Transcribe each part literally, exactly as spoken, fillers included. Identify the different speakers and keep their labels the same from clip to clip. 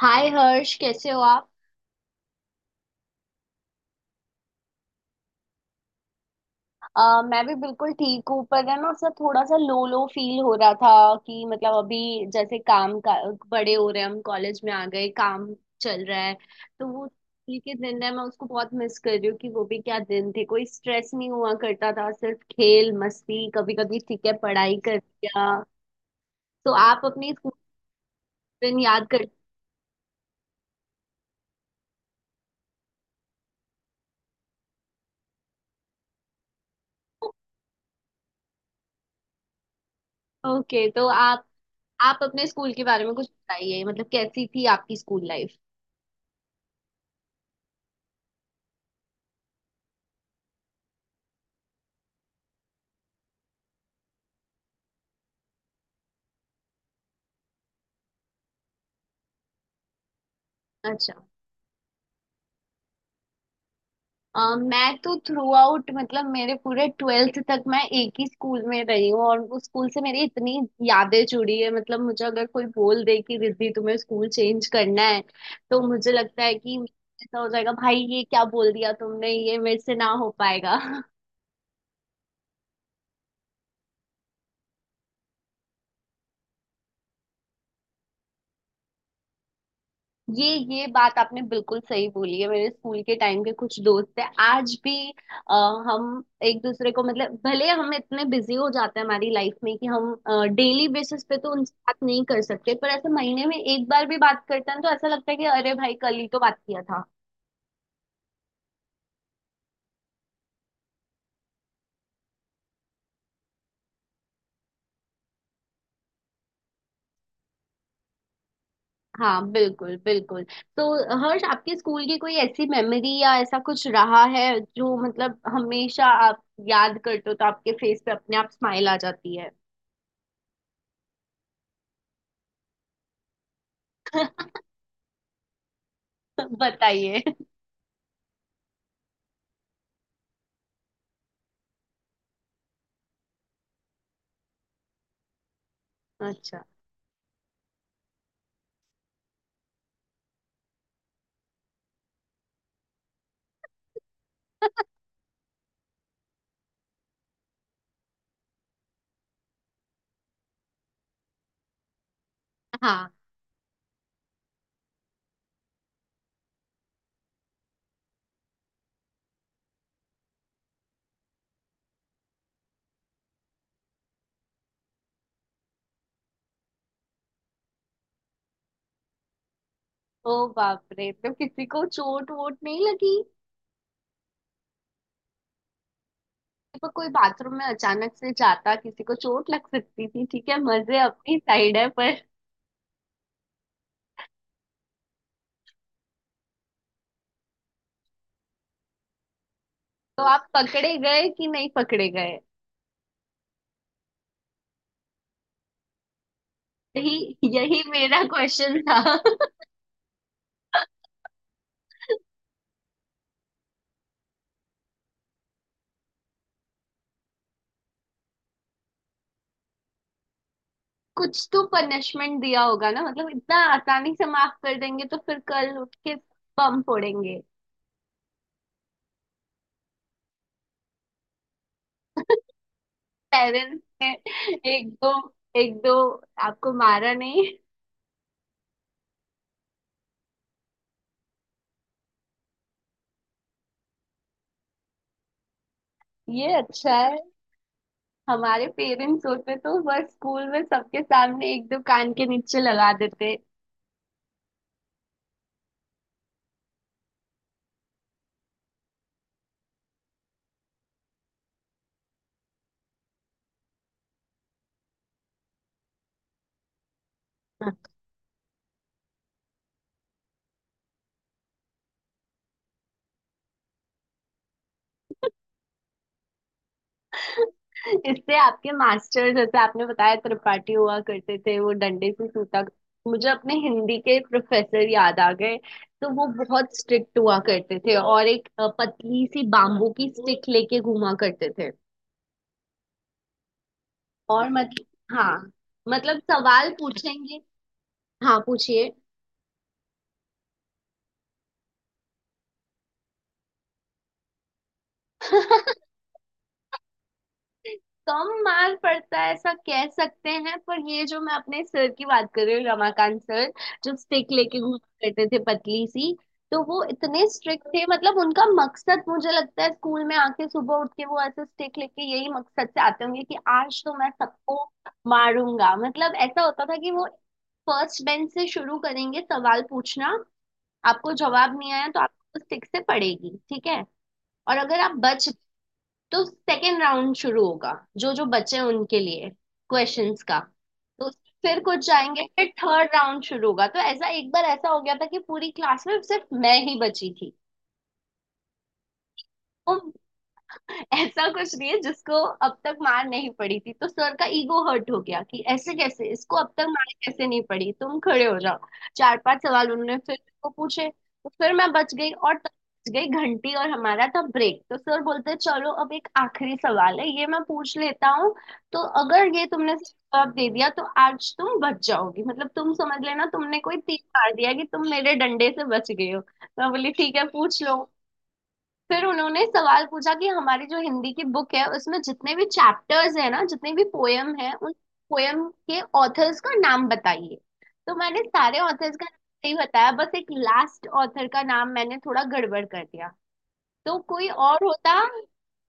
Speaker 1: हाय हर्ष, कैसे हो आप। अ, मैं भी बिल्कुल ठीक हूँ। पर है ना सर, थोड़ा सा लो लो फील हो रहा था कि मतलब अभी जैसे काम का बड़े हो रहे हैं, हम कॉलेज में आ गए, काम चल रहा है। तो वो स्कूल के दिन है, मैं उसको बहुत मिस कर रही हूँ कि वो भी क्या दिन थे। कोई स्ट्रेस नहीं हुआ करता था, सिर्फ खेल मस्ती, कभी कभी ठीक है पढ़ाई कर लिया। तो आप अपने स्कूल के दिन याद करते हो। ओके, तो आप आप अपने स्कूल के बारे में कुछ बताइए, मतलब कैसी थी आपकी स्कूल लाइफ। अच्छा। अ, मैं तो थ्रू आउट मतलब मेरे पूरे ट्वेल्थ तक मैं एक ही स्कूल में रही हूँ और उस स्कूल से मेरी इतनी यादें जुड़ी है। मतलब मुझे अगर कोई बोल दे कि रिद्धि तुम्हें स्कूल चेंज करना है तो मुझे लगता है कि ऐसा हो जाएगा, भाई ये क्या बोल दिया तुमने, ये मेरे से ना हो पाएगा। ये ये बात आपने बिल्कुल सही बोली है। मेरे स्कूल के टाइम के कुछ दोस्त हैं आज भी। अ, हम एक दूसरे को मतलब भले हम इतने बिजी हो जाते हैं हमारी लाइफ में कि हम डेली बेसिस पे तो उनसे बात नहीं कर सकते, पर ऐसे महीने में एक बार भी बात करते हैं तो ऐसा लगता है कि अरे भाई कल ही तो बात किया था। हाँ बिल्कुल बिल्कुल। तो हर्ष, आपके स्कूल की कोई ऐसी मेमोरी या ऐसा कुछ रहा है जो मतलब हमेशा आप याद करते हो तो आपके फेस पे अपने आप स्माइल आ जाती है। बताइए। अच्छा। ओ बाप रे, तो किसी को चोट वोट नहीं लगी। पर कोई बाथरूम में अचानक से जाता किसी को चोट लग सकती थी, ठीक है मजे अपनी साइड है पर। तो आप पकड़े गए कि नहीं पकड़े गए। यही यही मेरा क्वेश्चन था। कुछ तो पनिशमेंट दिया होगा ना, मतलब इतना आसानी से माफ कर देंगे तो फिर कल उठ के बम फोड़ेंगे। पेरेंट्स ने एक दो एक दो, आपको मारा नहीं। ये अच्छा, हमारे पेरेंट्स होते तो बस स्कूल में सबके सामने एक दो कान के नीचे लगा देते। इससे आपके मास्टर जैसे आपने बताया त्रिपाठी हुआ करते थे वो डंडे से सूता, मुझे अपने हिंदी के प्रोफेसर याद आ गए। तो वो बहुत स्ट्रिक्ट हुआ करते थे और एक अ, पतली सी बाम्बू की स्टिक लेके घूमा करते थे। और मतलब हाँ, मतलब सवाल पूछेंगे। हाँ पूछिए। कम मार्क पड़ता है ऐसा कह सकते हैं, पर ये जो मैं अपने सर की बात कर रही हूँ, रमाकांत सर जो स्टिक लेके घूमा करते थे पतली सी, तो वो इतने स्ट्रिक्ट थे। मतलब उनका मकसद मुझे लगता है स्कूल में आके सुबह उठ के वो ऐसे स्टिक लेके यही मकसद से आते होंगे कि आज तो मैं सबको मारूंगा। मतलब ऐसा होता था कि वो फर्स्ट बेंच से शुरू करेंगे सवाल पूछना, आपको जवाब नहीं आया तो आपको स्टिक से पड़ेगी, ठीक है। और अगर आप बच तो सेकेंड राउंड शुरू होगा, जो जो बचे हैं उनके लिए, क्वेश्चंस का। तो फिर कुछ जाएंगे, फिर थर्ड राउंड शुरू होगा। तो ऐसा एक बार ऐसा हो गया था कि पूरी क्लास में सिर्फ मैं ही बची थी और ऐसा कुछ नहीं है जिसको अब तक मार नहीं पड़ी थी, तो सर का ईगो हर्ट हो गया कि ऐसे कैसे, इसको अब तक मार कैसे नहीं पड़ी, तुम खड़े हो जाओ। चार पांच सवाल उन्होंने फिर मेरे को पूछे तो फिर मैं बच गई और तब बच गई घंटी और हमारा था ब्रेक। तो सर बोलते चलो अब एक आखिरी सवाल है ये मैं पूछ लेता हूँ, तो अगर ये तुमने सही जवाब दे दिया तो आज तुम बच जाओगी, मतलब तुम समझ लेना तुमने कोई तीर मार दिया कि तुम मेरे डंडे से बच गए हो। मैं बोली ठीक है पूछ लो। फिर उन्होंने सवाल पूछा कि हमारी जो हिंदी की बुक है उसमें जितने भी चैप्टर्स हैं ना, जितने भी पोयम हैं, उन पोयम के ऑथर्स का नाम बताइए। तो मैंने सारे ऑथर्स का नाम नहीं बताया, बस एक लास्ट ऑथर का नाम मैंने थोड़ा गड़बड़ कर दिया। तो कोई और होता,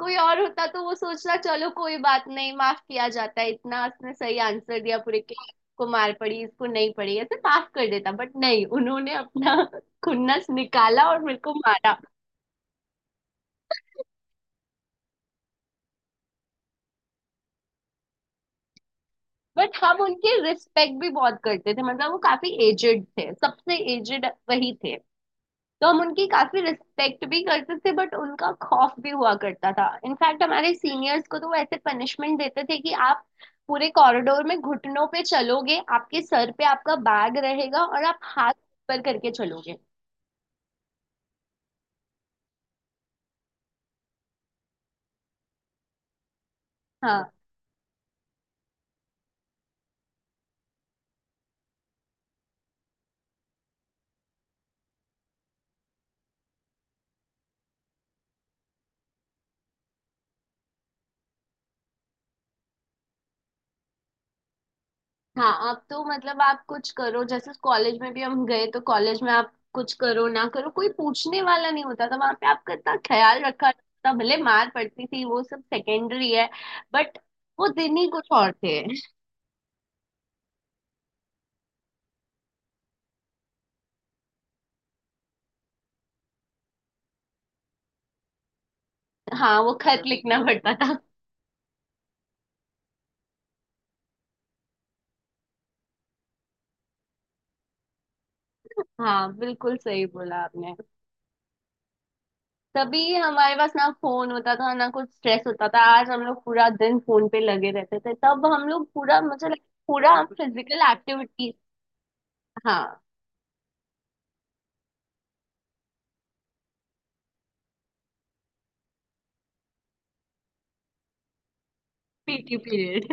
Speaker 1: कोई और होता तो वो सोचता चलो कोई बात नहीं माफ किया जाता है, इतना उसने सही आंसर दिया पूरे के को मार पड़ी इसको नहीं पड़ी ऐसे माफ कर देता, बट नहीं उन्होंने अपना खुन्नस निकाला और मेरे को मारा। बट हम उनकी रिस्पेक्ट भी बहुत करते थे, मतलब वो काफी एजेड थे, सबसे एजेड वही थे। तो हम उनकी काफी रिस्पेक्ट भी करते थे बट उनका खौफ भी हुआ करता था। इनफैक्ट हमारे सीनियर्स को तो वो ऐसे पनिशमेंट देते थे कि आप पूरे कॉरिडोर में घुटनों पे चलोगे, आपके सर पे आपका बैग रहेगा और आप हाथ ऊपर करके चलोगे। हाँ हाँ। अब तो मतलब आप कुछ करो, जैसे कॉलेज में भी हम गए तो कॉलेज में आप कुछ करो ना करो कोई पूछने वाला नहीं होता था, वहां पे आपका इतना ख्याल रखा जाता था, भले मार पड़ती थी वो सब सेकेंडरी है, बट वो दिन ही कुछ और थे। हाँ वो खत लिखना पड़ता था। हाँ बिल्कुल सही बोला आपने। तभी हमारे पास ना फोन होता था ना कुछ स्ट्रेस होता था। आज हम लोग पूरा दिन फोन पे लगे रहते थे, तब हम लोग पूरा, मुझे लगता है पूरा हम फिजिकल एक्टिविटी। हाँ पीटी पीरियड।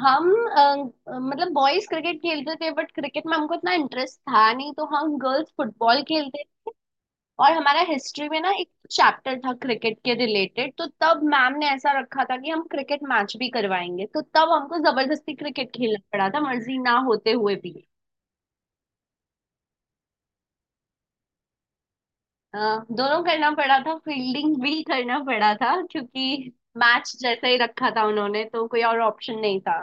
Speaker 1: हम, अ, मतलब बॉयज क्रिकेट खेलते थे बट क्रिकेट में हमको इतना इंटरेस्ट था नहीं, तो हम गर्ल्स फुटबॉल खेलते। और हमारा हिस्ट्री में ना एक चैप्टर था क्रिकेट के रिलेटेड, तो तब मैम ने ऐसा रखा था कि हम क्रिकेट मैच भी करवाएंगे, तो तब हमको जबरदस्ती क्रिकेट खेलना पड़ा था मर्जी ना होते हुए भी। अ, दोनों करना पड़ा था, फील्डिंग भी करना पड़ा था क्योंकि मैच जैसा ही रखा था उन्होंने, तो कोई और ऑप्शन नहीं था।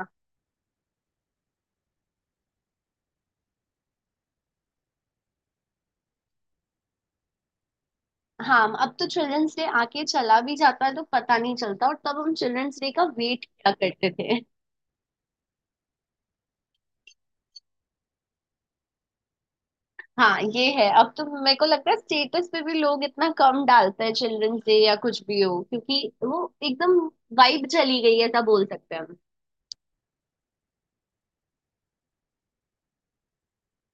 Speaker 1: हाँ अब तो चिल्ड्रंस डे आके चला भी जाता है तो पता नहीं चलता, और तब हम चिल्ड्रंस डे का वेट किया करते थे। हाँ ये है, अब तो मेरे को लगता है स्टेटस पे भी लोग इतना कम डालते हैं चिल्ड्रंस डे या कुछ भी हो, क्योंकि वो एकदम वाइब चली गई है ऐसा बोल सकते हैं हम।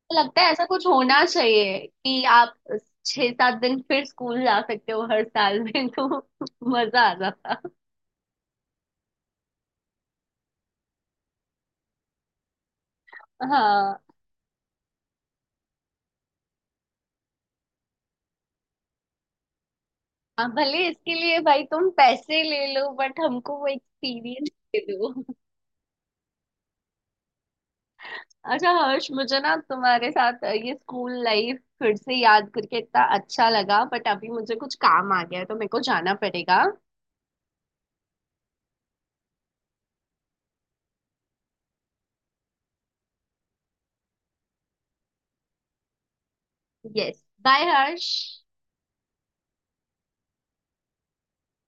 Speaker 1: तो लगता है ऐसा कुछ होना चाहिए कि आप छह सात दिन फिर स्कूल जा सकते हो हर साल में। तो मजा आ जाता। हाँ, हाँ, भले इसके लिए भाई तुम पैसे ले लो बट हमको वो एक्सपीरियंस दे दो। अच्छा हर्ष, मुझे ना तुम्हारे साथ ये स्कूल लाइफ फिर से याद करके इतना अच्छा लगा, बट अभी मुझे कुछ काम आ गया है तो मेरे को जाना पड़ेगा। यस बाय हर्ष।